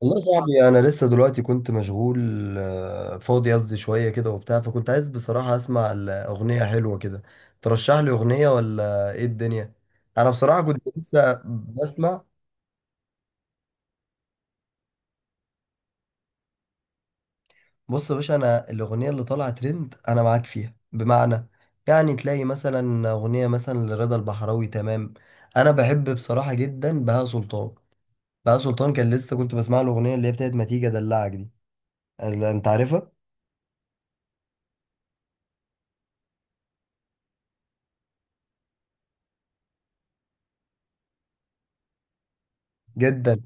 والله يا صاحبي انا لسه دلوقتي كنت مشغول. فاضي قصدي شويه كده وبتاع، فكنت عايز بصراحه اسمع الاغنيه حلوه كده. ترشح لي اغنيه ولا ايه الدنيا؟ انا بصراحه كنت لسه بسمع. بص يا باشا، انا الاغنيه اللي طالعه ترند انا معاك فيها، بمعنى يعني تلاقي مثلا اغنيه مثلا لرضا البحراوي، تمام. انا بحب بصراحه جدا بهاء سلطان. بهاء سلطان كان لسه كنت بسمع له الاغنيه اللي هي بتاعت ما تيجي ادلعك دي. انت عارفها جدا.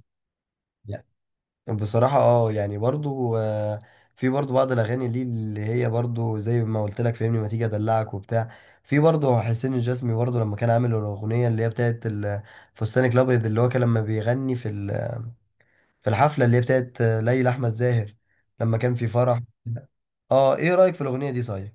بصراحة اه يعني برضو، في برضو بعض الأغاني ليه اللي هي برضو زي ما قلت لك، فهمني، ما تيجي أدلعك وبتاع. في برضو حسين الجسمي، برضو لما كان عامل الأغنية اللي هي بتاعت فستانك الأبيض، اللي هو كان لما بيغني في في الحفلة اللي هي بتاعت ليلى أحمد زاهر، لما كان في فرح. اه ايه رأيك في الأغنية دي صحيح؟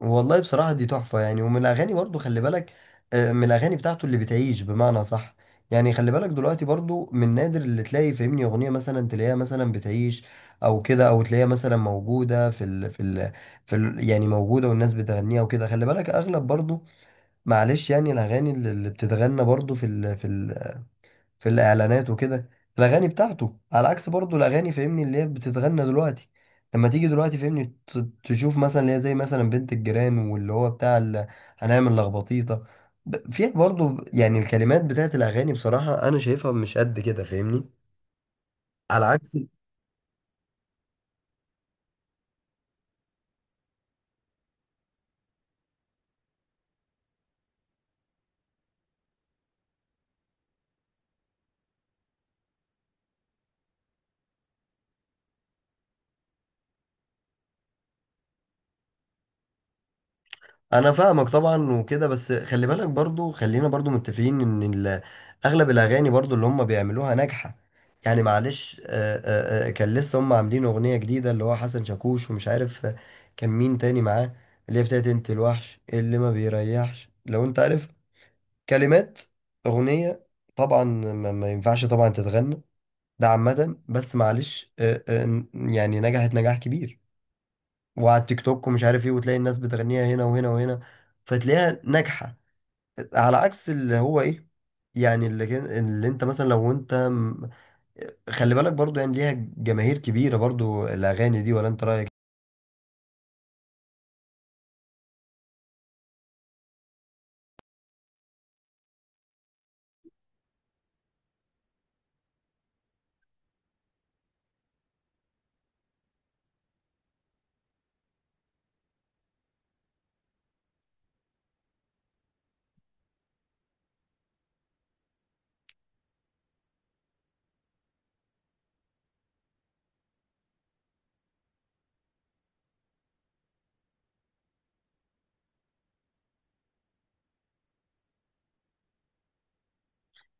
والله بصراحة دي تحفة يعني، ومن الأغاني برضو خلي بالك، من الأغاني بتاعته اللي بتعيش، بمعنى صح. يعني خلي بالك دلوقتي برضو من نادر اللي تلاقي فاهمني أغنية مثلا تلاقيها مثلا بتعيش، أو كده، أو تلاقيها مثلا موجودة في ال يعني موجودة، والناس بتغنيها وكده. خلي بالك أغلب برضو، معلش يعني، الأغاني اللي بتتغنى برضو في ال في الاعلانات وكده، الاغاني بتاعته، على عكس برضو الاغاني فاهمني اللي هي بتتغنى دلوقتي. لما تيجي دلوقتي فاهمني تشوف مثلا اللي هي زي مثلا بنت الجيران، واللي هو بتاع هنعمل لخبطيطه، فيها برضو يعني الكلمات بتاعت الاغاني بصراحه انا شايفها مش قد كده، فاهمني، على عكس. انا فاهمك طبعا وكده، بس خلي بالك برضو، خلينا برضو متفقين ان اغلب الاغاني برضو اللي هم بيعملوها ناجحه. يعني معلش، كان لسه هم عاملين اغنيه جديده اللي هو حسن شاكوش ومش عارف كان مين تاني معاه، اللي هي بتاعت انت الوحش اللي ما بيريحش، لو انت عارف كلمات اغنيه طبعا ما ينفعش طبعا تتغنى. ده عامه، بس معلش، يعني نجحت نجاح كبير، وعلى التيك توك ومش عارف ايه، وتلاقي الناس بتغنيها هنا وهنا وهنا، فتلاقيها ناجحة. على عكس اللي هو ايه يعني اللي انت مثلا لو خلي بالك برضو يعني ليها جماهير كبيرة برضو الأغاني دي، ولا انت رأيك؟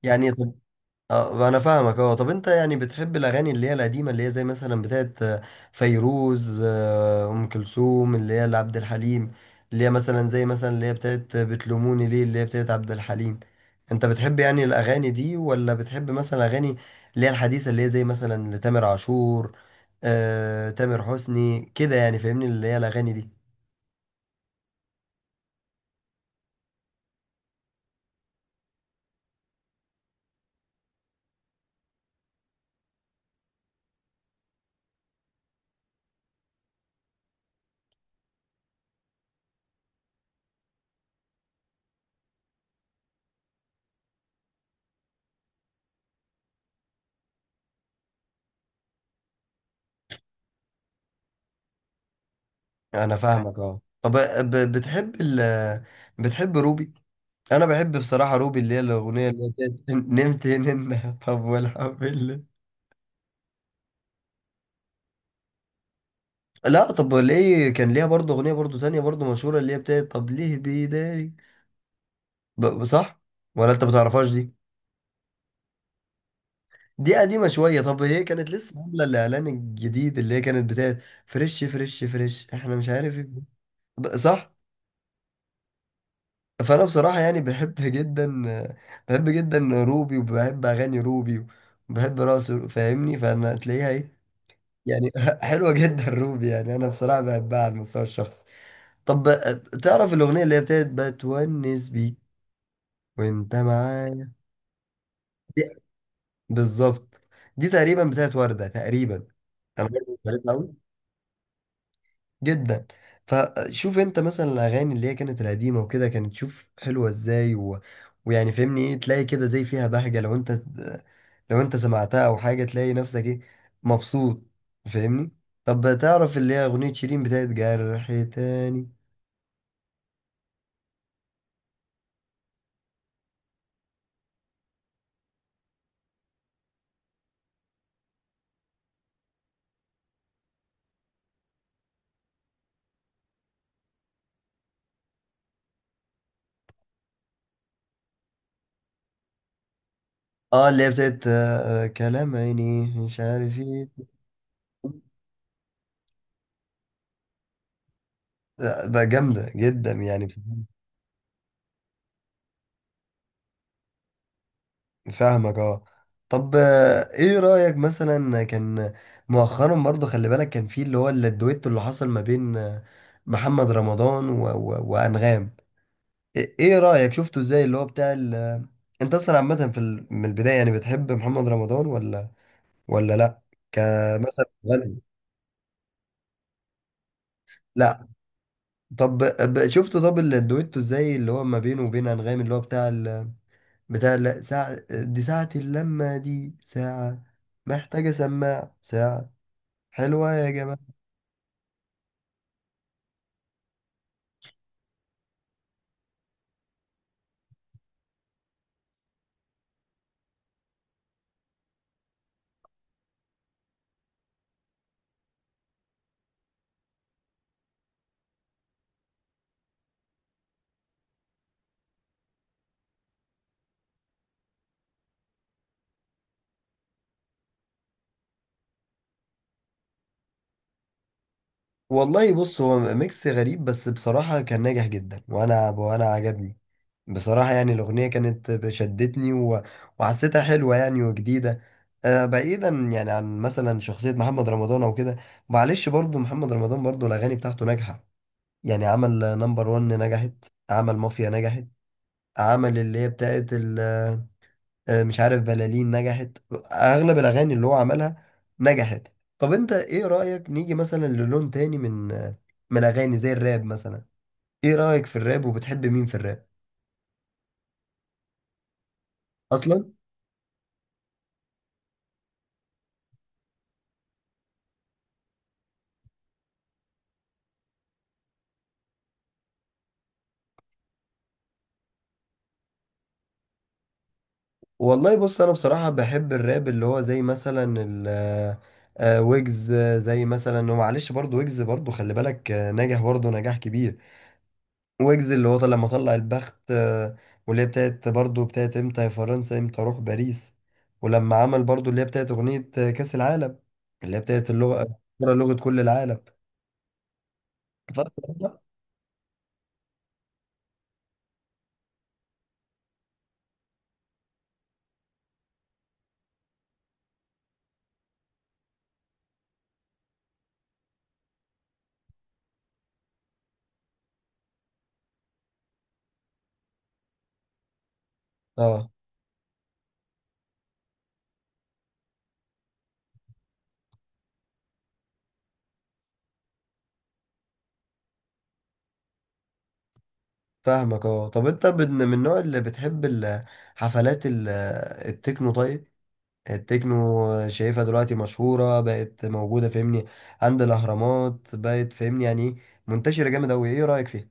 يعني طب، اه انا فاهمك. اه طب انت يعني بتحب الاغاني اللي هي القديمه، اللي هي زي مثلا بتاعت فيروز، ام كلثوم، اللي هي لعبد الحليم، اللي هي مثلا زي مثلا اللي هي بتاعت بتلوموني ليه اللي هي بتاعت عبد الحليم؟ انت بتحب يعني الاغاني دي، ولا بتحب مثلا اغاني اللي هي الحديثه اللي هي زي مثلا لتامر عاشور، تامر حسني كده يعني، فاهمني، اللي هي الاغاني دي؟ انا فاهمك اه. طب بتحب ال، بتحب روبي؟ انا بحب بصراحه روبي، اللي هي الاغنيه اللي هي بتاعت نمت هنا طب والحمد لله. لا طب ليه، كان ليها برضه اغنيه برضه تانية برضه مشهوره، اللي هي بتاعت طب ليه بيداري، صح، ولا انت بتعرفهاش دي؟ دي قديمه شويه. طب هي كانت لسه عامله الاعلان الجديد اللي هي كانت بتاعت فريش فريش فريش احنا مش عارف ايه، صح؟ فانا بصراحه يعني بحب جدا، بحب جدا روبي، وبحب اغاني روبي، وبحب رقص فاهمني، فانا تلاقيها ايه يعني حلوة جدا روبي، يعني أنا بصراحة بحبها على المستوى الشخصي. طب تعرف الأغنية اللي هي بتاعت بتونس بيك وأنت معايا؟ دي- بالظبط، دي تقريبا بتاعت وردة تقريبا. أنا برضه مش عارفها أوي جدا. فشوف أنت مثلا الأغاني اللي هي كانت القديمة وكده، كانت شوف حلوة إزاي، و... ويعني فهمني إيه، تلاقي كده زي فيها بهجة، لو أنت لو أنت سمعتها أو حاجة تلاقي نفسك إيه، مبسوط، فاهمني. طب تعرف اللي هي أغنية شيرين بتاعت جرح؟ تاني اه اللي هي بتاعت كلام عيني مش عارف ايه، بقى جامدة جدا يعني. فاهمك اه. طب ايه رأيك مثلا، كان مؤخرا برضه خلي بالك كان في اللي هو الدويتو اللي حصل ما بين محمد رمضان و وأنغام، ايه إيه رأيك شفته ازاي اللي هو بتاع ال... انت اصلا عامة في ال... من البداية يعني بتحب محمد رمضان، ولا ولا لا كمثلا غني؟ لا، طب شفت طب الدويتو ازاي اللي هو ما بينه وبين أنغام اللي هو بتاع ال... بتاع لا ساعة دي ساعة اللمة دي ساعة محتاجة سماع ساعة، حلوة يا جماعة. والله بص، هو ميكس غريب بس بصراحة كان ناجح جدا، وأنا عجبني بصراحة يعني، الأغنية كانت شدتني و... وحسيتها حلوة يعني وجديدة. آه بعيدا يعني عن مثلا شخصية محمد رمضان أو كده، معلش برضو محمد رمضان برضو الأغاني بتاعته ناجحة يعني. عمل نمبر ون نجحت، عمل مافيا نجحت، عمل اللي هي بتاعت ال مش عارف بلالين نجحت، اغلب الاغاني اللي هو عملها نجحت. طب انت ايه رأيك نيجي مثلا للون تاني من من الاغاني زي الراب مثلا؟ ايه رأيك في الراب، وبتحب مين في الراب اصلا؟ والله بص، انا بصراحة بحب الراب اللي هو زي مثلا ال ويجز، زي مثلا، ومعلش برضو ويجز برضو خلي بالك نجح برضو نجاح كبير. ويجز اللي هو طلع، لما طلع البخت، واللي هي بتاعت برضه بتاعت امتى يا فرنسا امتى اروح باريس، ولما عمل برضه اللي هي بتاعت اغنية كأس العالم اللي هي بتاعت اللغة، كرة لغة كل العالم، فاهم؟ اه فاهمك اه. طب انت من من النوع اللي بتحب حفلات التكنو؟ طيب التكنو شايفها دلوقتي مشهورة بقت، موجودة فاهمني عند الأهرامات بقت، فاهمني يعني إيه؟ منتشرة جامد أوي، إيه رأيك فيها؟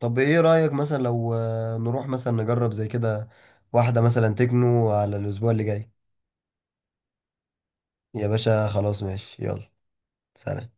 طب ايه رأيك مثلا لو نروح مثلا نجرب زي كده واحدة مثلا تكنو على الأسبوع اللي جاي؟ يا باشا خلاص ماشي، يلا سلام.